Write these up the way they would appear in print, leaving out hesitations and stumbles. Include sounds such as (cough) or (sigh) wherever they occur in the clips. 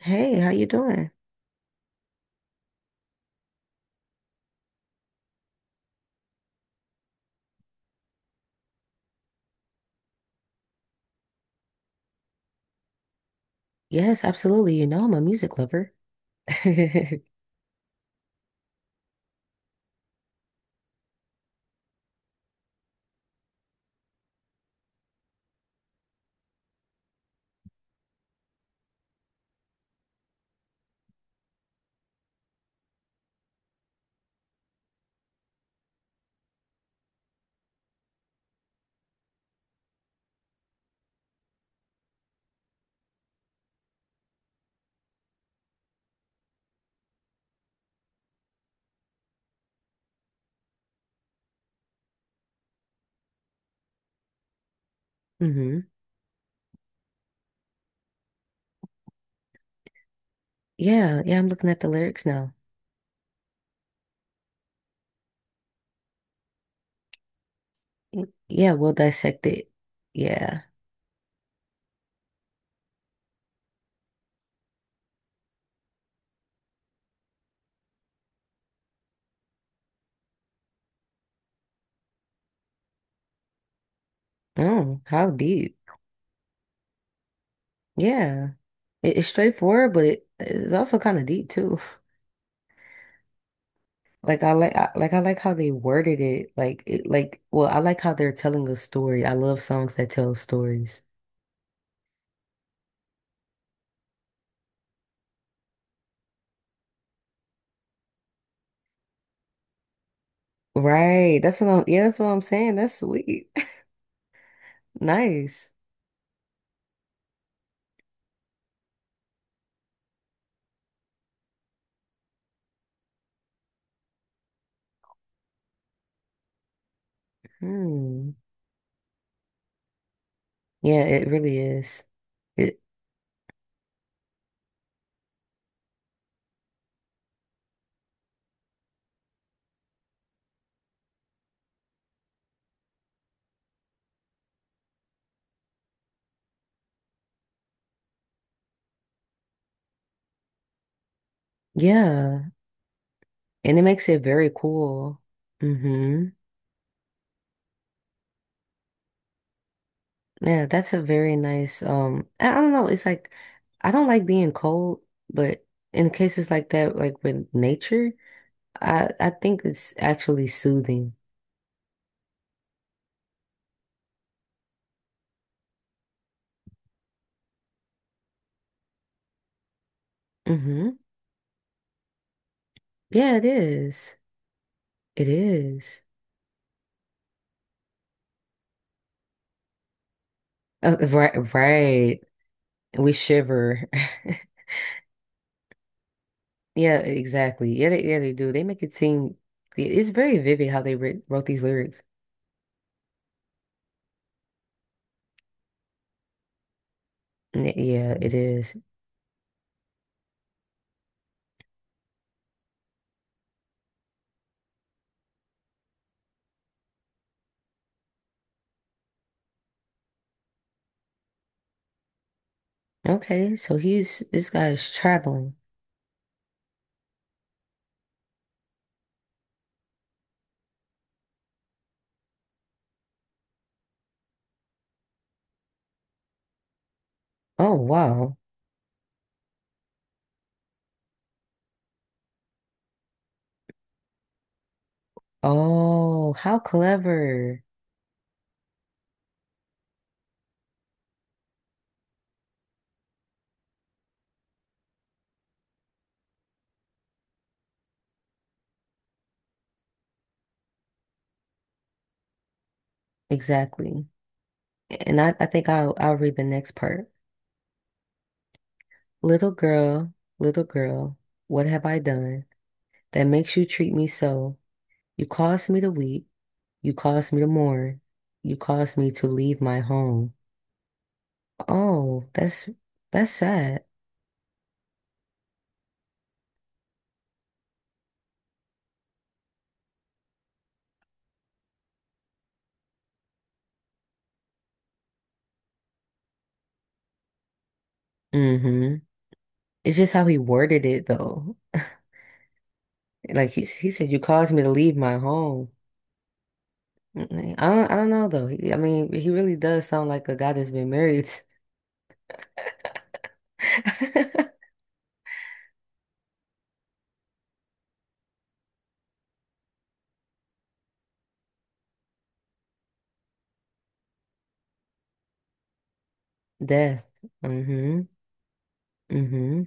Hey, how you doing? Yes, absolutely. You know I'm a music lover. (laughs) hmm Yeah, yeah, I'm looking at the lyrics now. Yeah, we'll dissect it. Yeah. Oh, how deep. Yeah. It's straightforward, but it's also kind of deep too. (laughs) Like how they worded it. I like how they're telling a story. I love songs that tell stories. Right. That's what I'm saying. That's sweet. (laughs) Nice. Hmm. Yeah, it really is. It, yeah, and it makes it very cool. hmm Yeah, that's a very nice. I don't know. It's like I don't like being cold, but in cases like that, like with nature, I think it's actually soothing. Hmm Yeah, it is. It is. Right, right. We shiver. (laughs) Yeah, exactly. Yeah, they do. They make it seem yeah, it's very vivid how they writ wrote these lyrics. Yeah, it is. Okay, so he's this guy's traveling. Oh, wow. Oh, how clever. Exactly. And I think I'll read the next part. Little girl, what have I done that makes you treat me so? You caused me to weep. You caused me to mourn. You caused me to leave my home. Oh, that's sad. Mm-hmm. It's just how he worded it though. Like he said, you caused me to leave my home. Mm, I don't know though. I mean, he really does sound like a guy that's been married. (laughs) Death. Mm-hmm. Mm-hmm.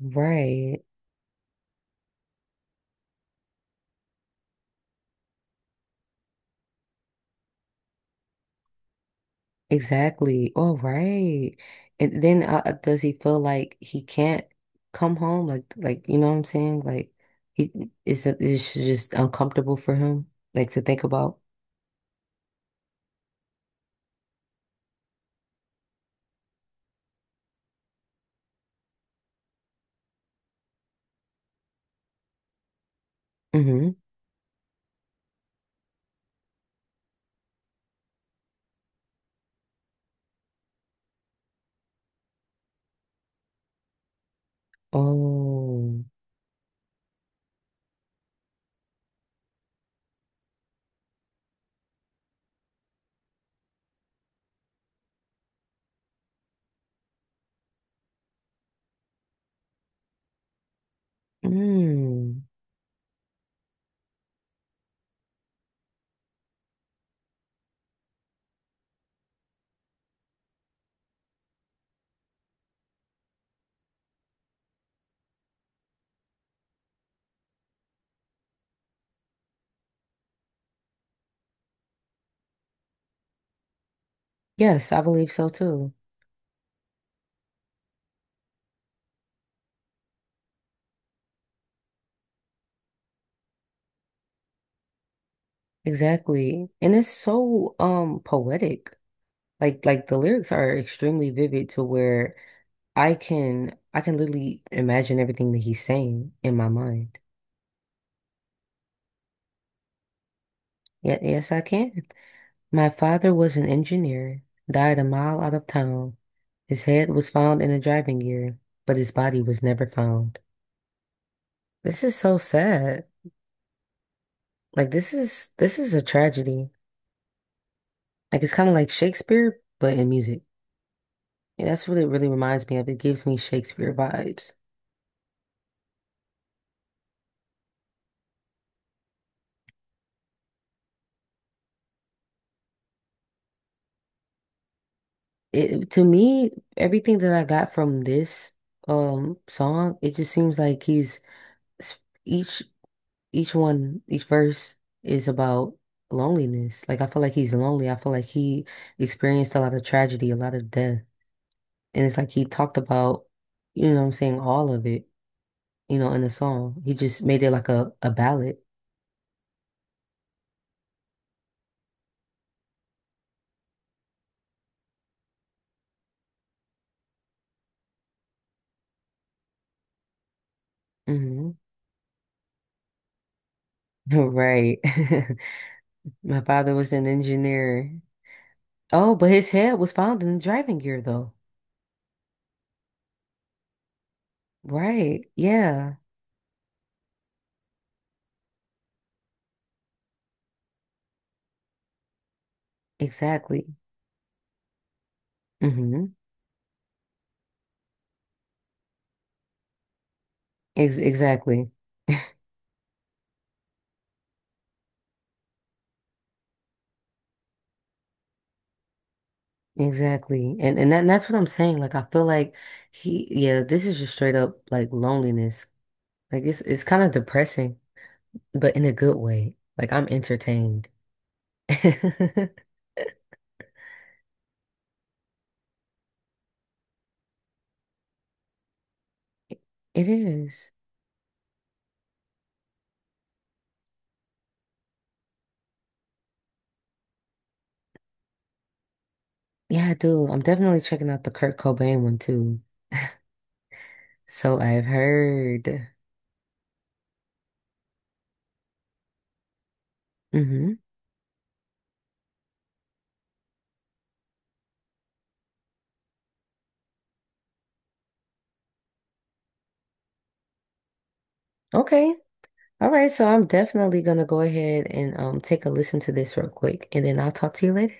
Right. Exactly. All right. And then does he feel like he can't come home? Like you know what I'm saying? Like, he is it just uncomfortable for him, like to think about. Mm-hmm. Oh. Mm. Yes, I believe so too. Exactly. And it's so poetic. Like the lyrics are extremely vivid to where I can literally imagine everything that he's saying in my mind. Yeah, yes, I can. My father was an engineer, died a mile out of town. His head was found in a driving gear, but his body was never found. This is so sad. Like this is a tragedy. Like it's kind of like Shakespeare, but in music. And that's what it really reminds me of. It gives me Shakespeare vibes. It to me, everything that I got from this song, it just seems like he's s- each each one, each verse is about loneliness. Like I feel like he's lonely. I feel like he experienced a lot of tragedy, a lot of death. And it's like he talked about, you know what I'm saying, all of it, you know, in the song. He just made it like a ballad. Hmm (laughs) Right. (laughs) My father was an engineer. Oh, but his head was found in the driving gear though. Right. Yeah. Exactly. hmm Ex exactly. Exactly. And and that's what I'm saying. Like I feel like he yeah, this is just straight up like loneliness. Like it's kind of depressing, but in a good way. Like I'm entertained. (laughs) It is. Yeah, I do. I'm definitely checking out the Kurt Cobain one too. So I've heard. Hmm Okay. All right, so I'm definitely gonna go ahead and take a listen to this real quick and then I'll talk to you later.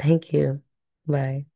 Thank you. Bye.